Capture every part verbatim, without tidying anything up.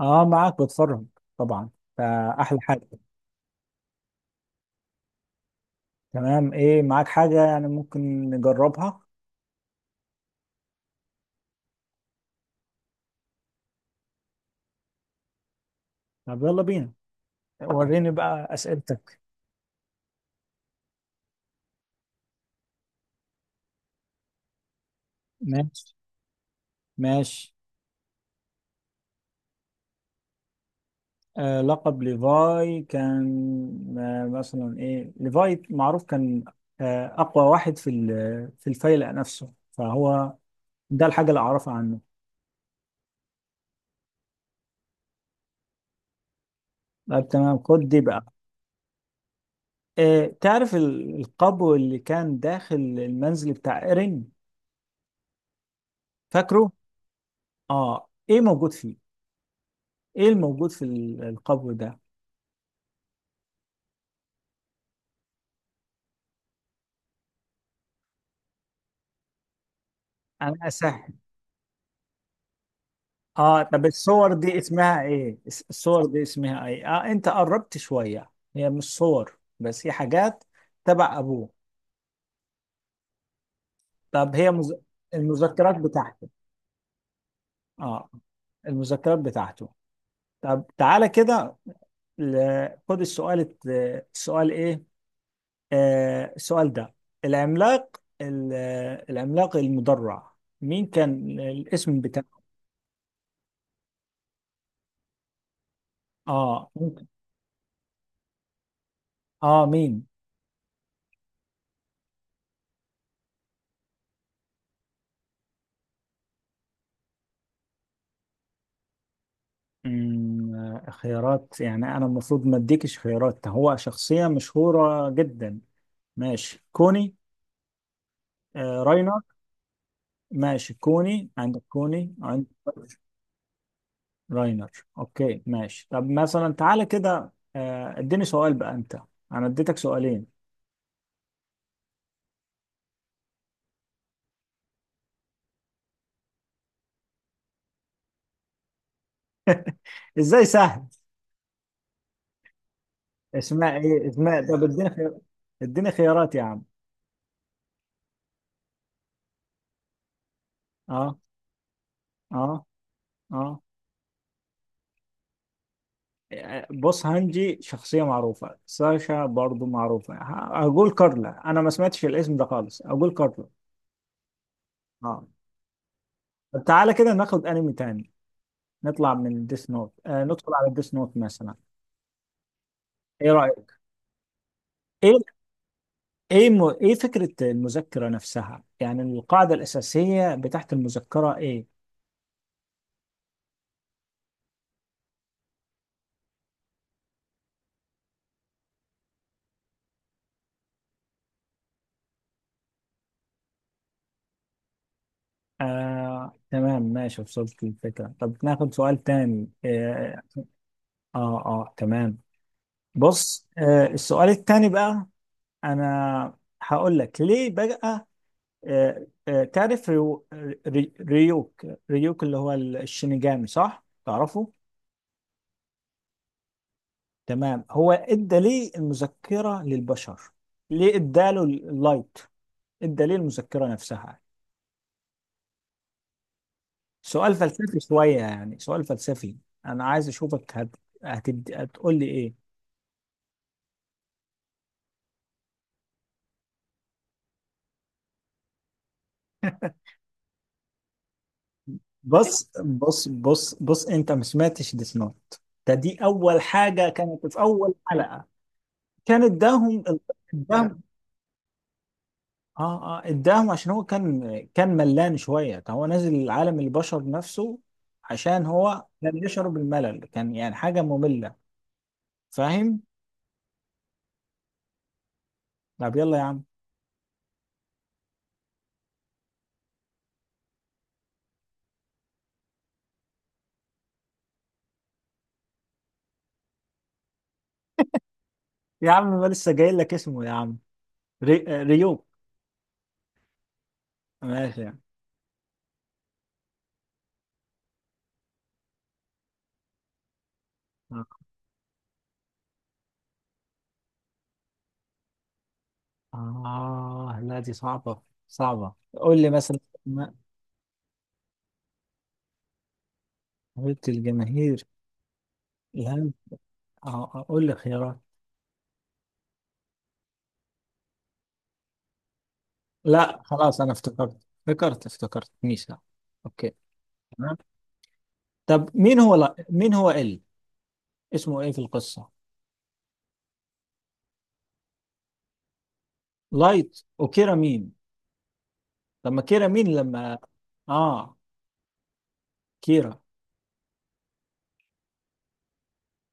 اه، معاك بتفرج، طبعا، فاحلى حاجه. تمام. ايه معاك حاجه يعني ممكن نجربها؟ طب يلا بينا، وريني بقى اسئلتك. ماشي، ماشي. آه لقب ليفاي كان، آه مثلا ايه ليفاي معروف، كان آه اقوى واحد في ال- في الفيلق نفسه، فهو ده الحاجه اللي اعرفها عنه. طب تمام، خد دي بقى. آه تعرف ال- القبو اللي كان داخل المنزل بتاع ايرين؟ فاكره؟ اه، ايه موجود فيه؟ ايه الموجود في ال- القبر ده؟ انا اسهل. اه، طب الصور دي اسمها ايه؟ الس- الصور دي اسمها ايه؟ اه، انت قربت شوية. هي مش صور بس، هي حاجات تبع ابوه. طب هي مز... المذكرات بتاعته. اه، المذكرات بتاعته. طب تعالى كده، ل- خد السؤال الت- السؤال ايه؟ آه السؤال ده، العملاق ال- العملاق المدرع، مين كان الاسم بتاعه؟ اه، ممكن. اه، مين؟ أمم، خيارات؟ يعني انا المفروض ما اديكش خيارات، هو شخصية مشهورة جدا. ماشي، كوني. آه راينر. ماشي كوني عندك، كوني عندك. راينر. اوكي، ماشي. طب مثلا تعالى كده، آه، اديني سؤال بقى انت. انا اديتك سؤالين. ازاي سهل؟ اسماء؟ ايه اسماء؟ طب اديني خيار، اديني خيارات يا عم. اه، اه، اه. بص، هانجي شخصية معروفة، ساشا برضو معروفة. ه- هقول كارلا. أنا ما سمعتش الاسم ده خالص، أقول كارلا. آه. طب تعالى كده ناخد أنمي تاني. نطلع من ديس نوت، آه ندخل على ديس نوت مثلا. إيه رأيك؟ إيه؟ إيه م... إيه فكرة المذكرة نفسها؟ يعني القاعدة الأساسية بتاعت المذكرة إيه؟ آه تمام، ماشي، وصلت الفكرة. طب ناخد سؤال تاني. آه آه, آه تمام. بص، آه السؤال التاني بقى. انا هقول لك ليه بقى. آه، آه، تعرف ريو- ري- ريوك. ريوك اللي هو الشينيجامي، صح؟ تعرفه؟ تمام. هو ادى ليه المذكرة للبشر؟ ليه اداله اللايت؟ ادى ليه المذكرة نفسها؟ سؤال فلسفي شوية، يعني سؤال فلسفي. انا عايز اشوفك هت... هتد... هتقول لي ايه. بص، بص، بص، بص، انت ما سمعتش ديس نوت. ده، دي اول حاجة كانت في اول حلقة. كان اداهم. اداهم. اه، اه، اداهم عشان هو كان كان ملان شويه، كان هو نازل عالم البشر نفسه. عشان هو كان يشعر بالملل، كان يعني حاجه ممله. فاهم؟ طب يلا يا عم. يا عم، ما لسه جاي لك اسمه يا عم. ري... آه، ريوك. ماشي يعني. اه، آه، لا، دي صعبه. صعبه، قول لي مثلا. ما قلت الجماهير. الهند. اه، آه، قول لي خيارات. لا خلاص، انا افتكرت، افتكرت، افتكرت ميسا. اوكي. تمام. طب مين هو لا... مين هو ال. اسمه ايه في القصه؟ لايت وكيرا، مين لما كيرا مين لما. اه، كيرا.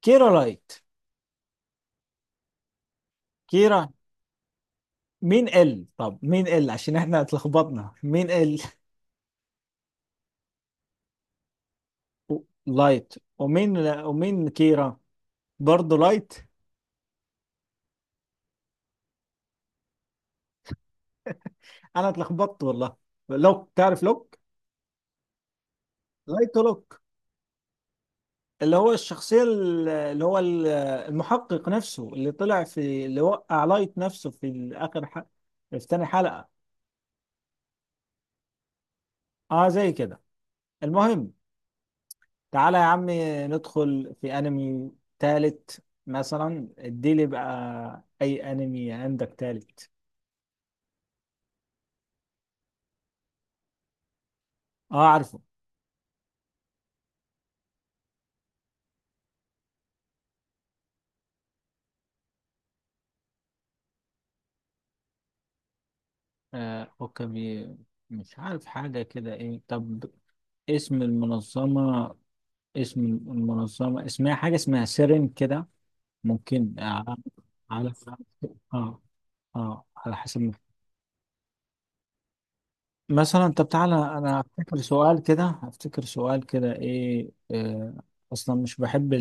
كيرا لايت. كيرا مين ال، طب مين ال، عشان احنا اتلخبطنا مين ال. و- لايت ومين، ومين كيرا؟ برضه لايت. انا اتلخبطت والله. لوك، تعرف لوك؟ لايت ولوك، اللي هو الشخصية ال- اللي هو ال- المحقق نفسه، اللي طلع في اللي وقع لايت نفسه في اخر حلقة، في تاني حلقة. اه، زي كده. المهم، تعالى يا عمي، ندخل في انمي تالت مثلا. اديلي بقى اي انمي عندك تالت. اه، عارفه. آه اوكي. مش عارف حاجة كده، ايه طب؟ اسم المنظمة، اسم المنظمة اسمها حاجة، اسمها سيرين كده. ممكن. آه على، اه، اه، على حسب ما- مثلا. طب تعالى، انا افتكر سؤال كده، افتكر سؤال كده، ايه. آه اصلا مش بحب.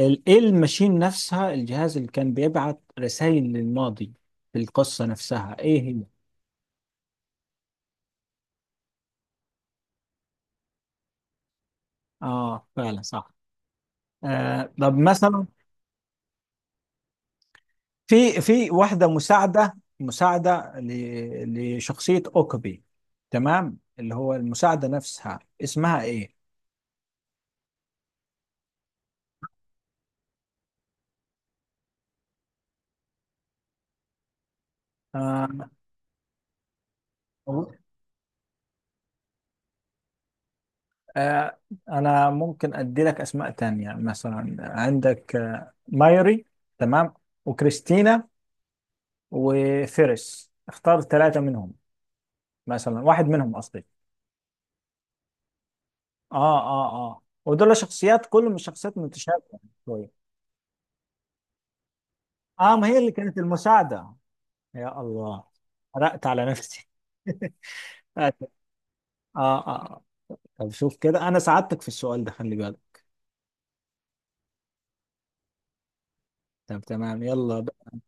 ال- ايه الماشين نفسها، الجهاز اللي كان بيبعت رسائل للماضي في القصة نفسها، ايه هي؟ اه، فعلا صح. آه طب مثلا، في في واحدة مساعدة، مساعدة ل- لشخصية اوكابي، تمام؟ اللي هو المساعدة نفسها، اسمها ايه؟ آه آه انا ممكن ادي لك اسماء تانية. مثلا عندك، آه، مايري، تمام، وكريستينا، وفيرس. اختار ثلاثة منهم مثلا، واحد منهم قصدي. اه، اه، اه، ودول شخصيات، كلهم شخصيات متشابهة يعني شوية. اه، ما هي اللي كانت المساعدة. يا الله، حرقت على نفسي. اه، اه، آه. طب شوف كده، انا ساعدتك في السؤال ده، خلي بالك. طب تمام، يلا بقى.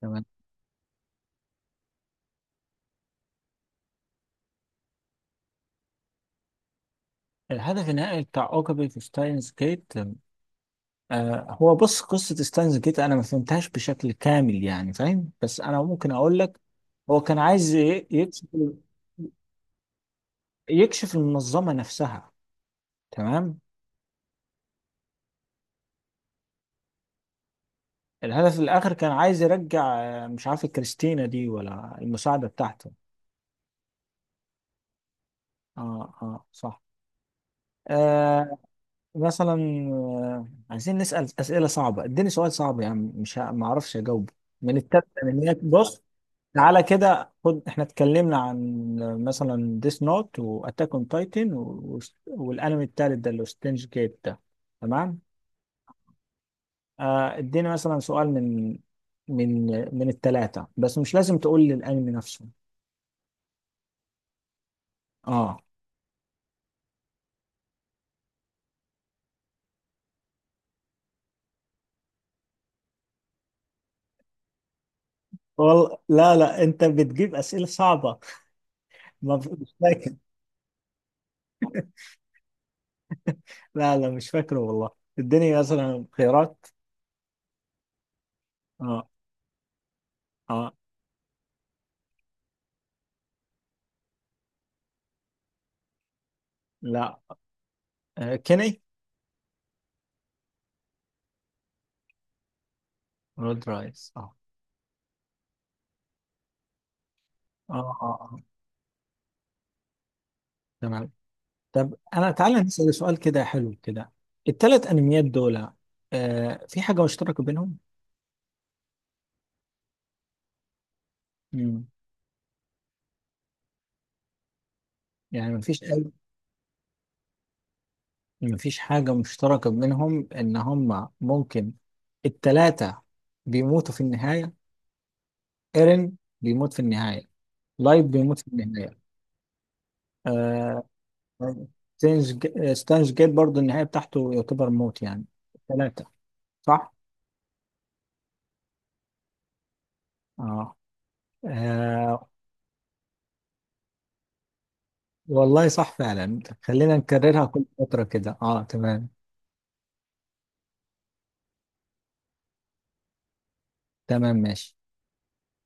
تمام. الهدف النهائي بتاع اوكابي في ستاينز جيت؟ آه هو بص، قصة ستاينز جيت انا ما فهمتهاش بشكل كامل، يعني فاهم، بس انا ممكن اقول لك. هو كان عايز ي- يكشف، يكشف المنظمة نفسها. تمام. الهدف الآخر كان عايز يرجع، آه، مش عارف كريستينا دي ولا المساعدة بتاعته. اه، اه، صح. آه، مثلا. آه عايزين نسأل أسئلة صعبة، اديني سؤال صعب يعني، مش ه- ما اعرفش اجاوبه. من التالتة، من هناك بص. تعالى كده، خد، احنا اتكلمنا عن آه، مثلا ديس نوت واتاك اون تايتن، والانمي التالت ده اللي هو ستينج جيت ده. تمام. آه اديني مثلا سؤال من، من آه، من التلاتة، بس مش لازم تقول لي الانمي نفسه. اه. والله لا، لا، انت بتجيب اسئله صعبه. ما ف- مش فاكر. لا، لا، مش فاكره والله. اديني مثلا خيارات. اه. اه. لا. آه كيني. رود رايس. اه، اه، اه، اه، تمام. طب انا، تعالى نسال سؤال كده حلو كده. الثلاث انميات دول، آه في حاجه مشتركه بينهم؟ مم. يعني مفيش اي؟ مفيش حاجه مشتركه بينهم، ان هم ممكن الثلاثه بيموتوا في النهايه. ايرين بيموت في النهايه، لايف بيموت في النهايه. آه، آه، ستانز ج- ستانز جيت برضه، النهاية بتاعته يعتبر موت يعني. ثلاثة، صح؟ آه. آه. والله صح فعلا، خلينا نكررها كل فترة كده. اه، تمام. تمام، ماشي.